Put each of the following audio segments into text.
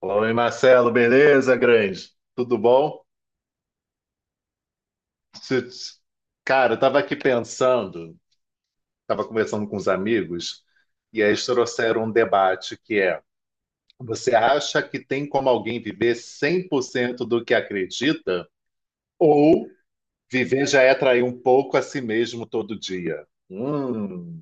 Oi, Marcelo, beleza, grande? Tudo bom? Se- Cara, eu tava aqui pensando, tava conversando com os amigos, e aí eles trouxeram um debate que é: você acha que tem como alguém viver 100% do que acredita? Ou viver já é trair um pouco a si mesmo todo dia?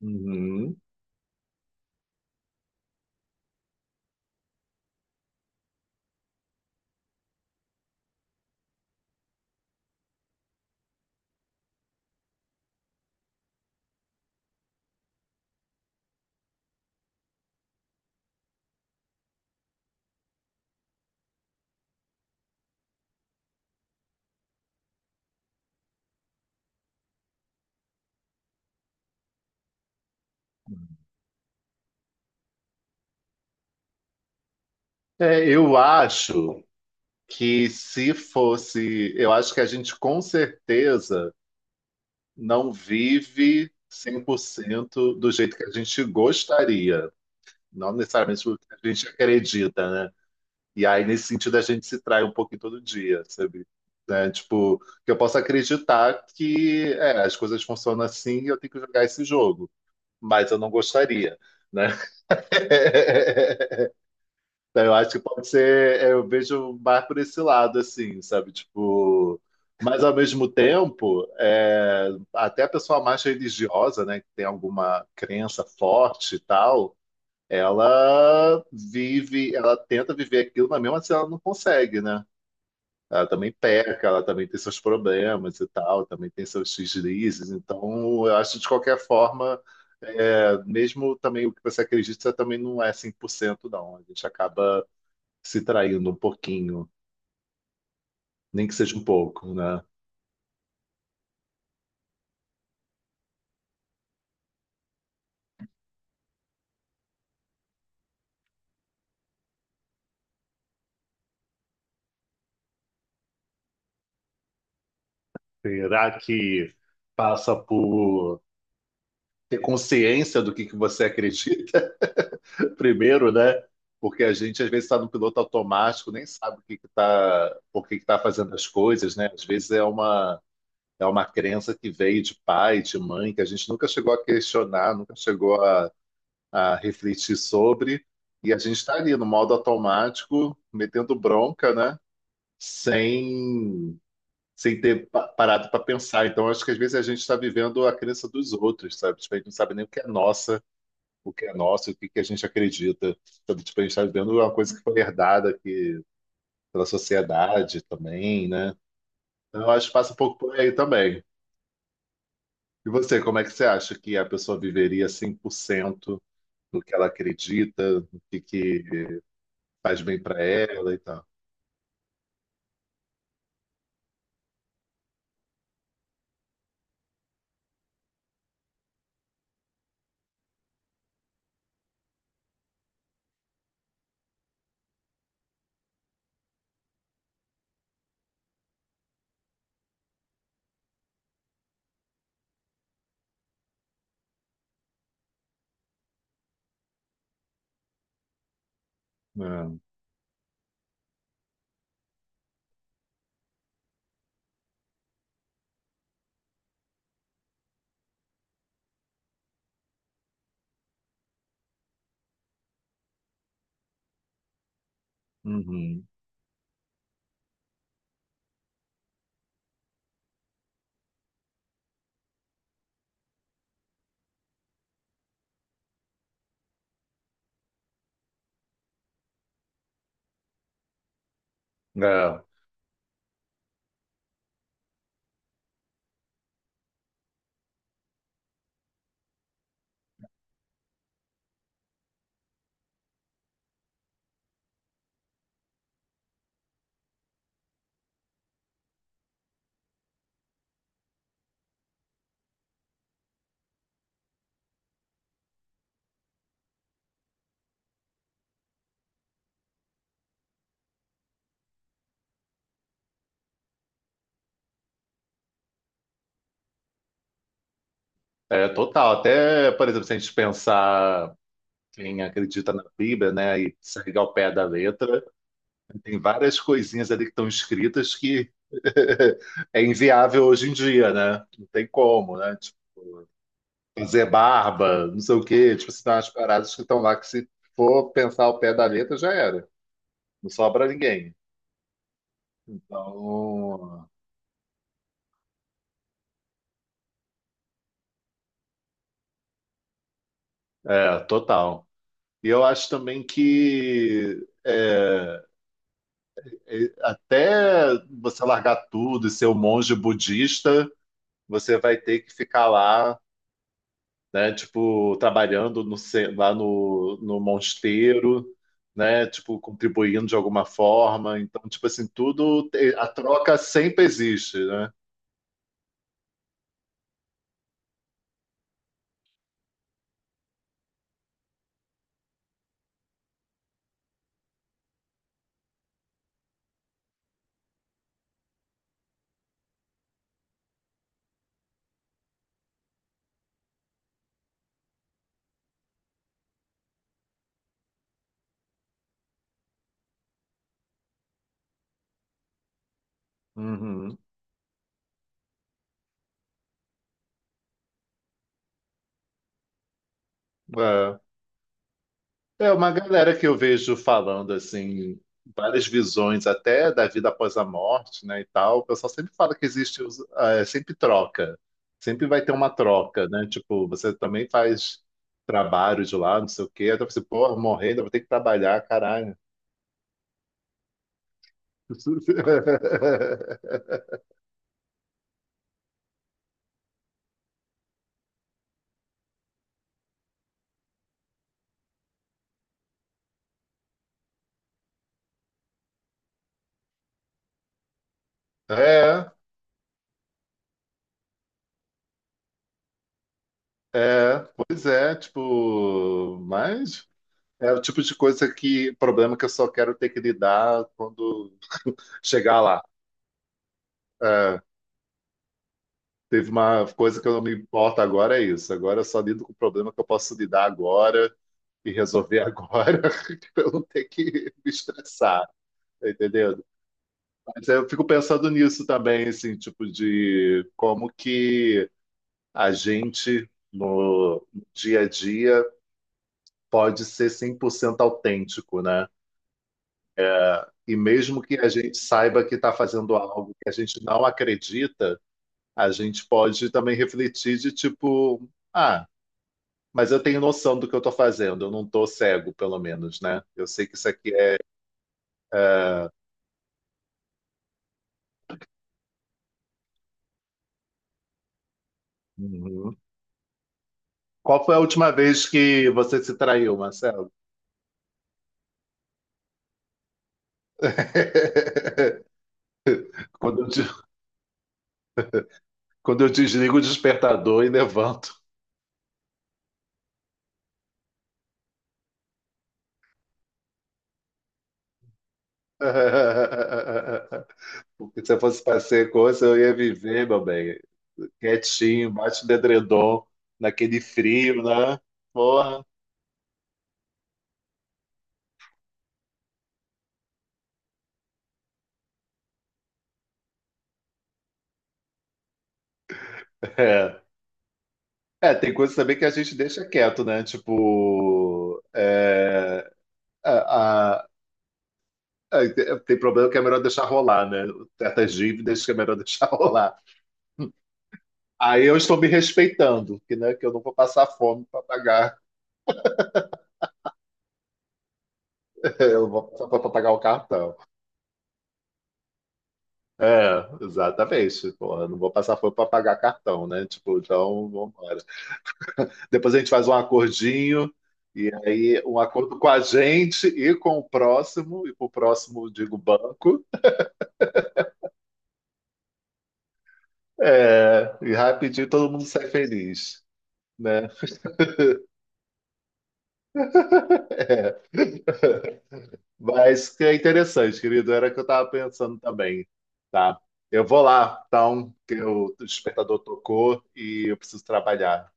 Uhum. É, eu acho que se fosse, eu acho que a gente com certeza não vive 100% do jeito que a gente gostaria, não necessariamente do que a gente acredita, né? E aí, nesse sentido, a gente se trai um pouquinho todo dia, sabe? Né? Tipo, que eu posso acreditar que é, as coisas funcionam assim e eu tenho que jogar esse jogo, mas eu não gostaria, né? Então, eu acho que pode ser, é, eu vejo mais por esse lado, assim, sabe? Tipo, mas ao mesmo tempo, é, até a pessoa mais religiosa, né, que tem alguma crença forte e tal, ela vive, ela tenta viver aquilo, mas mesmo assim ela não consegue, né? Ela também peca, ela também tem seus problemas e tal, também tem seus deslizes. Então, eu acho que de qualquer forma, é, mesmo também o que você acredita você também não é 100% não. A gente acaba se traindo um pouquinho, nem que seja um pouco, né? Será que passa por ter consciência do que você acredita primeiro, né? Porque a gente às vezes está no piloto automático, nem sabe o que que tá, por que que tá fazendo as coisas, né? Às vezes é uma crença que veio de pai, de mãe, que a gente nunca chegou a questionar, nunca chegou a refletir sobre, e a gente está ali no modo automático, metendo bronca, né? Sem sem ter parado para pensar. Então, acho que às vezes a gente está vivendo a crença dos outros, sabe? Tipo, a gente não sabe nem o que é nossa, o que é nosso, e o que que a gente acredita. Sabe? Tipo, a gente está vivendo uma coisa que foi herdada que, pela sociedade também, né? Então, eu acho que passa um pouco por aí também. E você, como é que você acha que a pessoa viveria 100% do que ela acredita, do que faz bem para ela e tal? É, uhum. É, é total. Até, por exemplo, se a gente pensar quem acredita na Bíblia, né, e segue ao pé da letra, tem várias coisinhas ali que estão escritas que é inviável hoje em dia, né? Não tem como, né? Tipo, fazer barba, não sei o quê, tipo, se tem umas paradas que estão lá que se for pensar ao pé da letra já era, não sobra ninguém. Então, é, total. E eu acho também que é, até você largar tudo e ser um monge budista, você vai ter que ficar lá né? Tipo, trabalhando lá no mosteiro, né? Tipo, contribuindo de alguma forma. Então, tipo assim, tudo, a troca sempre existe, né? Uhum. É. É uma galera que eu vejo falando assim, várias visões até da vida após a morte, né, e tal. O pessoal sempre fala que existe, ah, é, sempre troca. Sempre vai ter uma troca, né? Tipo, você também faz trabalho de lá, não sei o quê. Aí você, pô, morrer, ainda vou ter que trabalhar, caralho. É, é, pois é, tipo, mas é o tipo de coisa que, problema que eu só quero ter que lidar quando chegar lá. É, teve uma coisa que eu não me importo agora, é isso. Agora eu só lido com o problema que eu posso lidar agora e resolver agora, pra eu não ter que me estressar, tá entendendo? Mas eu fico pensando nisso também, assim, tipo, de como que a gente no dia a dia pode ser 100% autêntico, né? E mesmo que a gente saiba que está fazendo algo que a gente não acredita, a gente pode também refletir de tipo, ah, mas eu tenho noção do que eu estou fazendo, eu não estou cego, pelo menos, né? Eu sei que isso aqui é. Uhum. Qual foi a última vez que você se traiu, Marcelo? Quando eu, quando eu desligo o despertador e levanto. Porque se eu fosse para ser coisa, eu ia viver, meu bem. Quietinho, embaixo do edredom, naquele frio, né? Porra. É. É, tem coisas também que a gente deixa quieto, né? Tipo, a- a- tem problema que é melhor deixar rolar, né? Certas dívidas que é melhor deixar rolar. Aí eu estou me respeitando, que, né, que eu não vou passar fome para pagar, eu não vou passar fome para pagar o cartão. É, exatamente. Porra, eu não vou passar fome para pagar cartão, né? Tipo, então, vamos depois a gente faz um acordinho, e aí um acordo com a gente e com o próximo, e com o próximo, digo, banco. É, e rapidinho todo mundo sai feliz, né? É. Mas que é interessante, querido, era o que eu estava pensando também, tá? Eu vou lá, então, que o despertador tocou e eu preciso trabalhar.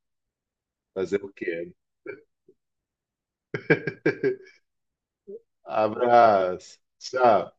Fazer o quê? Abraço. Tchau.